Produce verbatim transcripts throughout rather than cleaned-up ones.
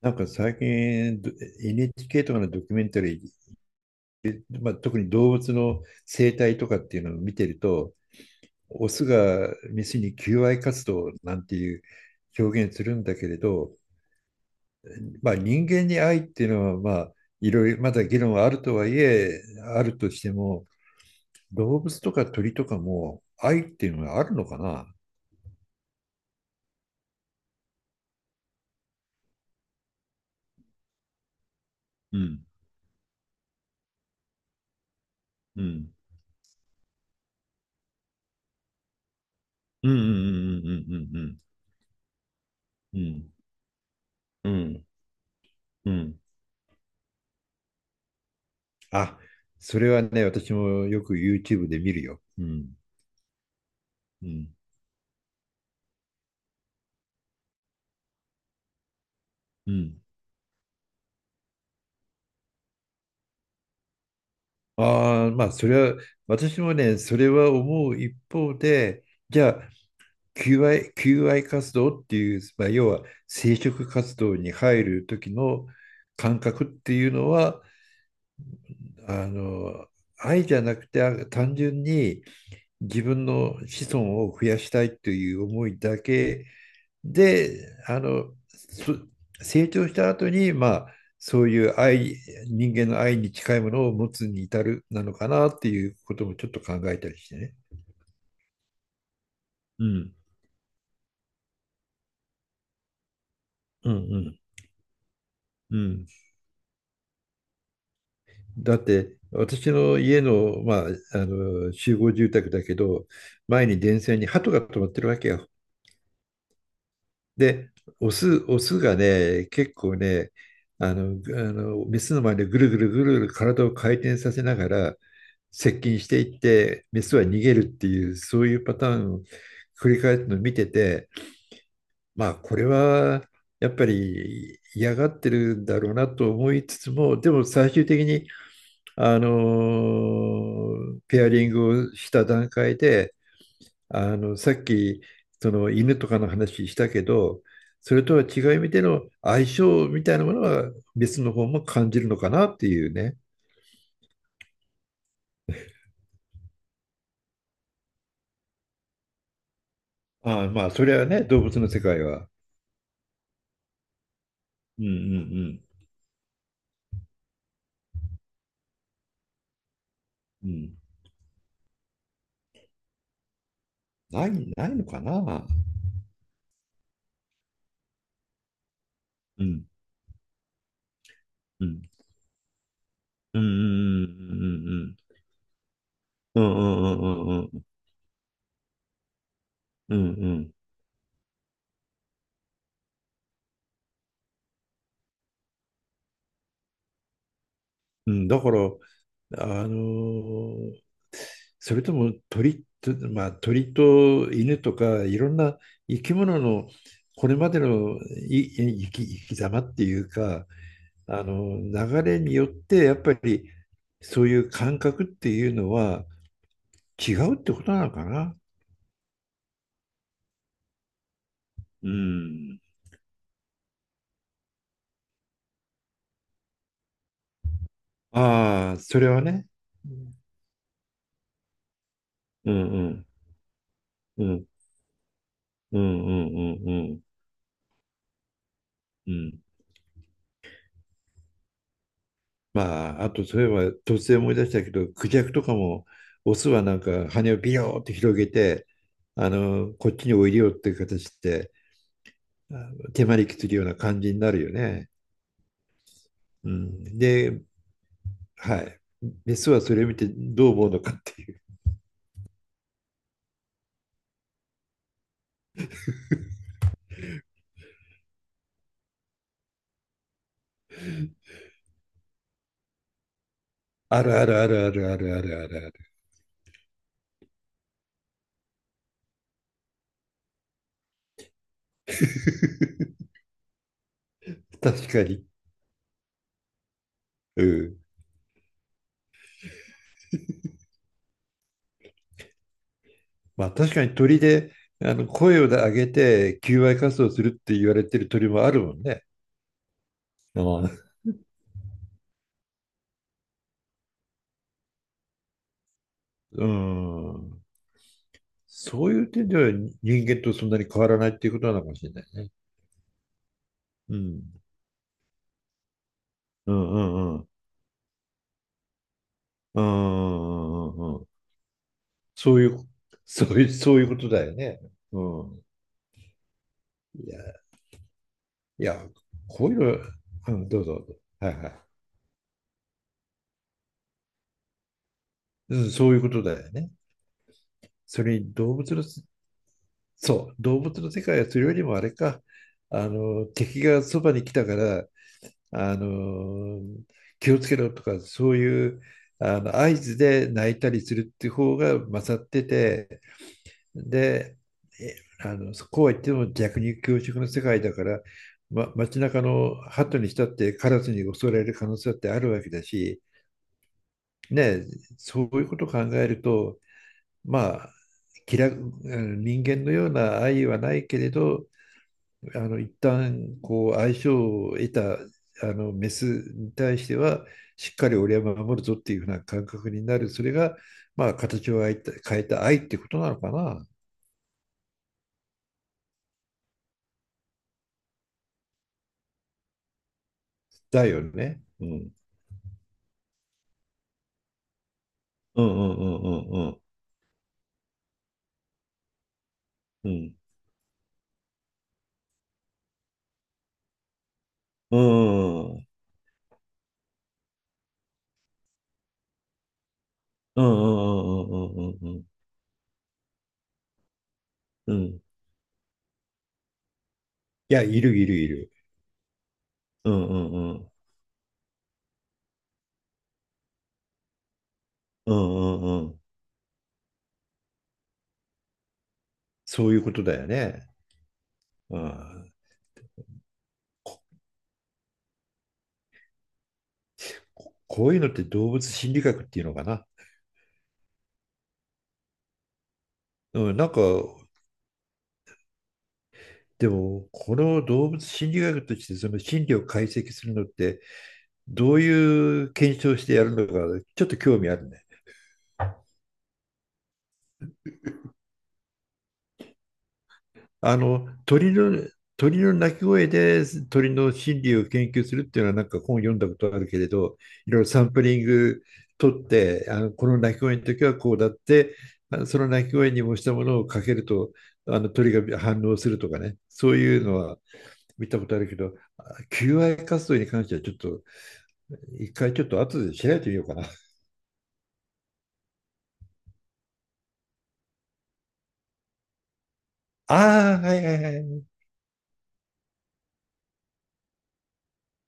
なんか最近 エヌエイチケー とかのドキュメンタリー、まあ、特に動物の生態とかっていうのを見てると、オスがメスに求愛活動なんていう表現するんだけれど、まあ、人間に愛っていうのは、まあ、いろいろまだ議論はあるとはいえ、あるとしても、動物とか鳥とかも愛っていうのはあるのかな。うん、うん、うん、うん、うん、うん、うん、うん、うん、うん、うん、あ、それはね、私もよく YouTube で見るよ。うん。うん。うん。ああ、まあ、それは、私もね、それは思う一方で、じゃあ、求愛、求愛活動っていう、まあ、要は生殖活動に入る時の感覚っていうのは、あの、愛じゃなくて、あ単純に自分の子孫を増やしたいという思いだけで、あの、そ成長した後に、まあ、そういう愛、人間の愛に近いものを持つに至るなのかなっていうこともちょっと考えたりしてね。うん、うん、うん。うん、だって私の家の、まあ、あの集合住宅だけど、前に電線に鳩が止まってるわけよ。で、オス、オスがね、結構ね、あの、あの、メスの前でぐるぐるぐるぐる体を回転させながら接近していって、メスは逃げるっていう、そういうパターンを繰り返すのを見てて、まあ、これはやっぱり嫌がってるんだろうなと思いつつも、でも最終的に、あの、ペアリングをした段階で、あの、さっき、その犬とかの話したけど、それとは違う意味での相性みたいなものは別の方も感じるのかなっていうね。ああ、まあ、それはね、動物の世界は。うんうんうん。うん、ない、ないのかな。うんうんうんうんうんうんうんうんうんうんうんうんうんうんうん、だから、あの、それとも鳥と、まあ、鳥と犬とかいろんな生き物のこれまでのい生き、生き様っていうか、あの流れによってやっぱりそういう感覚っていうのは違うってことなのかな。うん。ああ、それはね。うんうんうんうんうんうんうんうん。まあ、あとそういえば突然思い出したけど、クジャクとかも、オスはなんか羽をビヨーって広げて、あの、こっちにおいでよっていう形で、あ手招きするような感じになるよね。うん、で、はい。メスはそれを見てどう思うのかっていう。あるあるあるあるあるあるあるある。確かに。うん。まあ確かに鳥で、あの、声を上げて求愛活動するって言われてる鳥もあるもんね。ああ、うん。そういう点では人間とそんなに変わらないっていうことなのかもしれないね。うん。うんうんうん。うんうんうんうん。そういう、そういう、そういうことだよね。うん。いや、いや、こういうの、うん、どうぞ。はいはい。うん、そういうことだよね。それに動物の、そう、動物の世界はそれよりもあれか、あの、敵がそばに来たから、あの気をつけろとかそういうあの合図で泣いたりするっていう方が勝ってて、で、あのこうは言っても逆に教職の世界だから、ま、街中の鳩にしたってカラスに襲われる可能性だってあるわけだし、ね、そういうことを考えると、まあ、気楽、人間のような愛はないけれど、あの一旦こう相性を得たあのメスに対してはしっかり俺は守るぞっていうふうな感覚になる、それがまあ形を変えた、変えた愛ってことなのかな。だよね。うん。うんうんうんうんうんうんうんうんうんうんうんうんうんうん、いや、いるいるいる。うんうんうんうんうんうん、そういうことだよね。うん、ここういうのって動物心理学っていうのかな。うん、なんか、でも、この動物心理学としてその心理を解析するのって、どういう検証してやるのか、ちょっと興味あるね。あの、鳥の、鳥の鳴き声で鳥の心理を研究するっていうのはなんか本読んだことあるけれど、いろいろサンプリング取って、あの、この鳴き声の時はこうだって、あのその鳴き声に模したものをかけると、あの鳥が反応するとかね。そういうのは見たことあるけど、あ求愛活動に関してはちょっと一回ちょっと後で調べてみようかな。ああ、はいはいはい。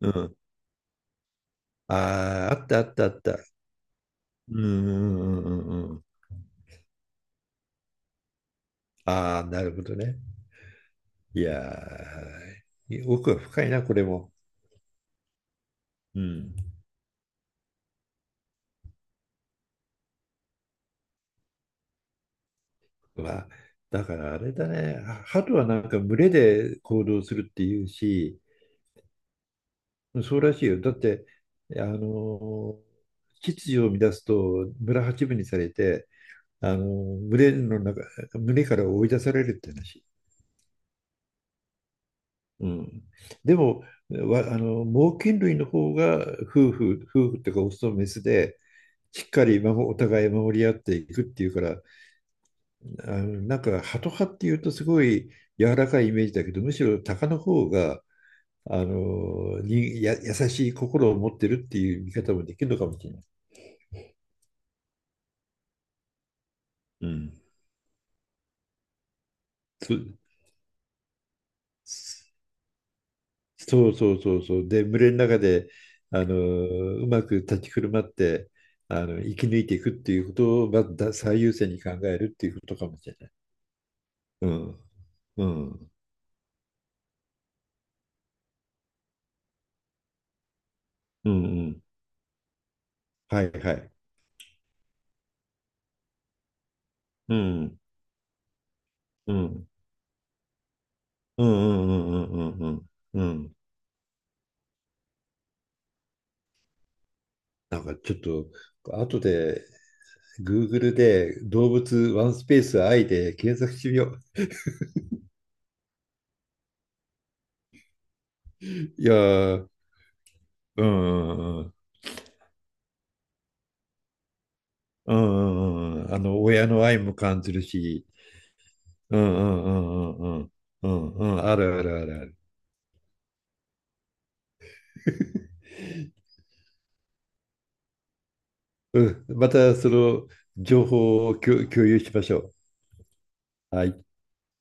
うん。ああ、あったあったあった。うんうんうんうんうん。ああ、なるほどね。いやー、奥が深いな、これも。うん。まあ、だからあれだね。は鳩はなんか群れで行動するっていうし。そうらしいよ。だって、あのー、秩序を乱すと村八分にされて、あのー、群れの中、群れから追い出されるって話。うん、でもわあの猛禽類の方が夫婦夫婦っていうかオスとメスでしっかり守お互い守り合っていくっていうから、あのなんかハト派っていうとすごい柔らかいイメージだけど、むしろ鷹の方があのにや優しい心を持ってるっていう見方もできるのかもしれない。うん、そそうそうそうそう。で、群れの中で、あのうまく立ち振る舞って、あの、生き抜いていくっていうことを、まずだ最優先に考えるっていうことかもしれない。うん。うん。うん。うん、はいはい。うん。うん。うんうんうんうんうんうんうん。なんかちょっと、後で、Google で動物ワンスペース愛で検索してみよう。いやー、うんうんうん。うんうんうんうん。あの、親の愛も感じるし、うんうんうんうんうんうんうん、あるあるあるある。うん、またその情報を共共有しましょう。はい。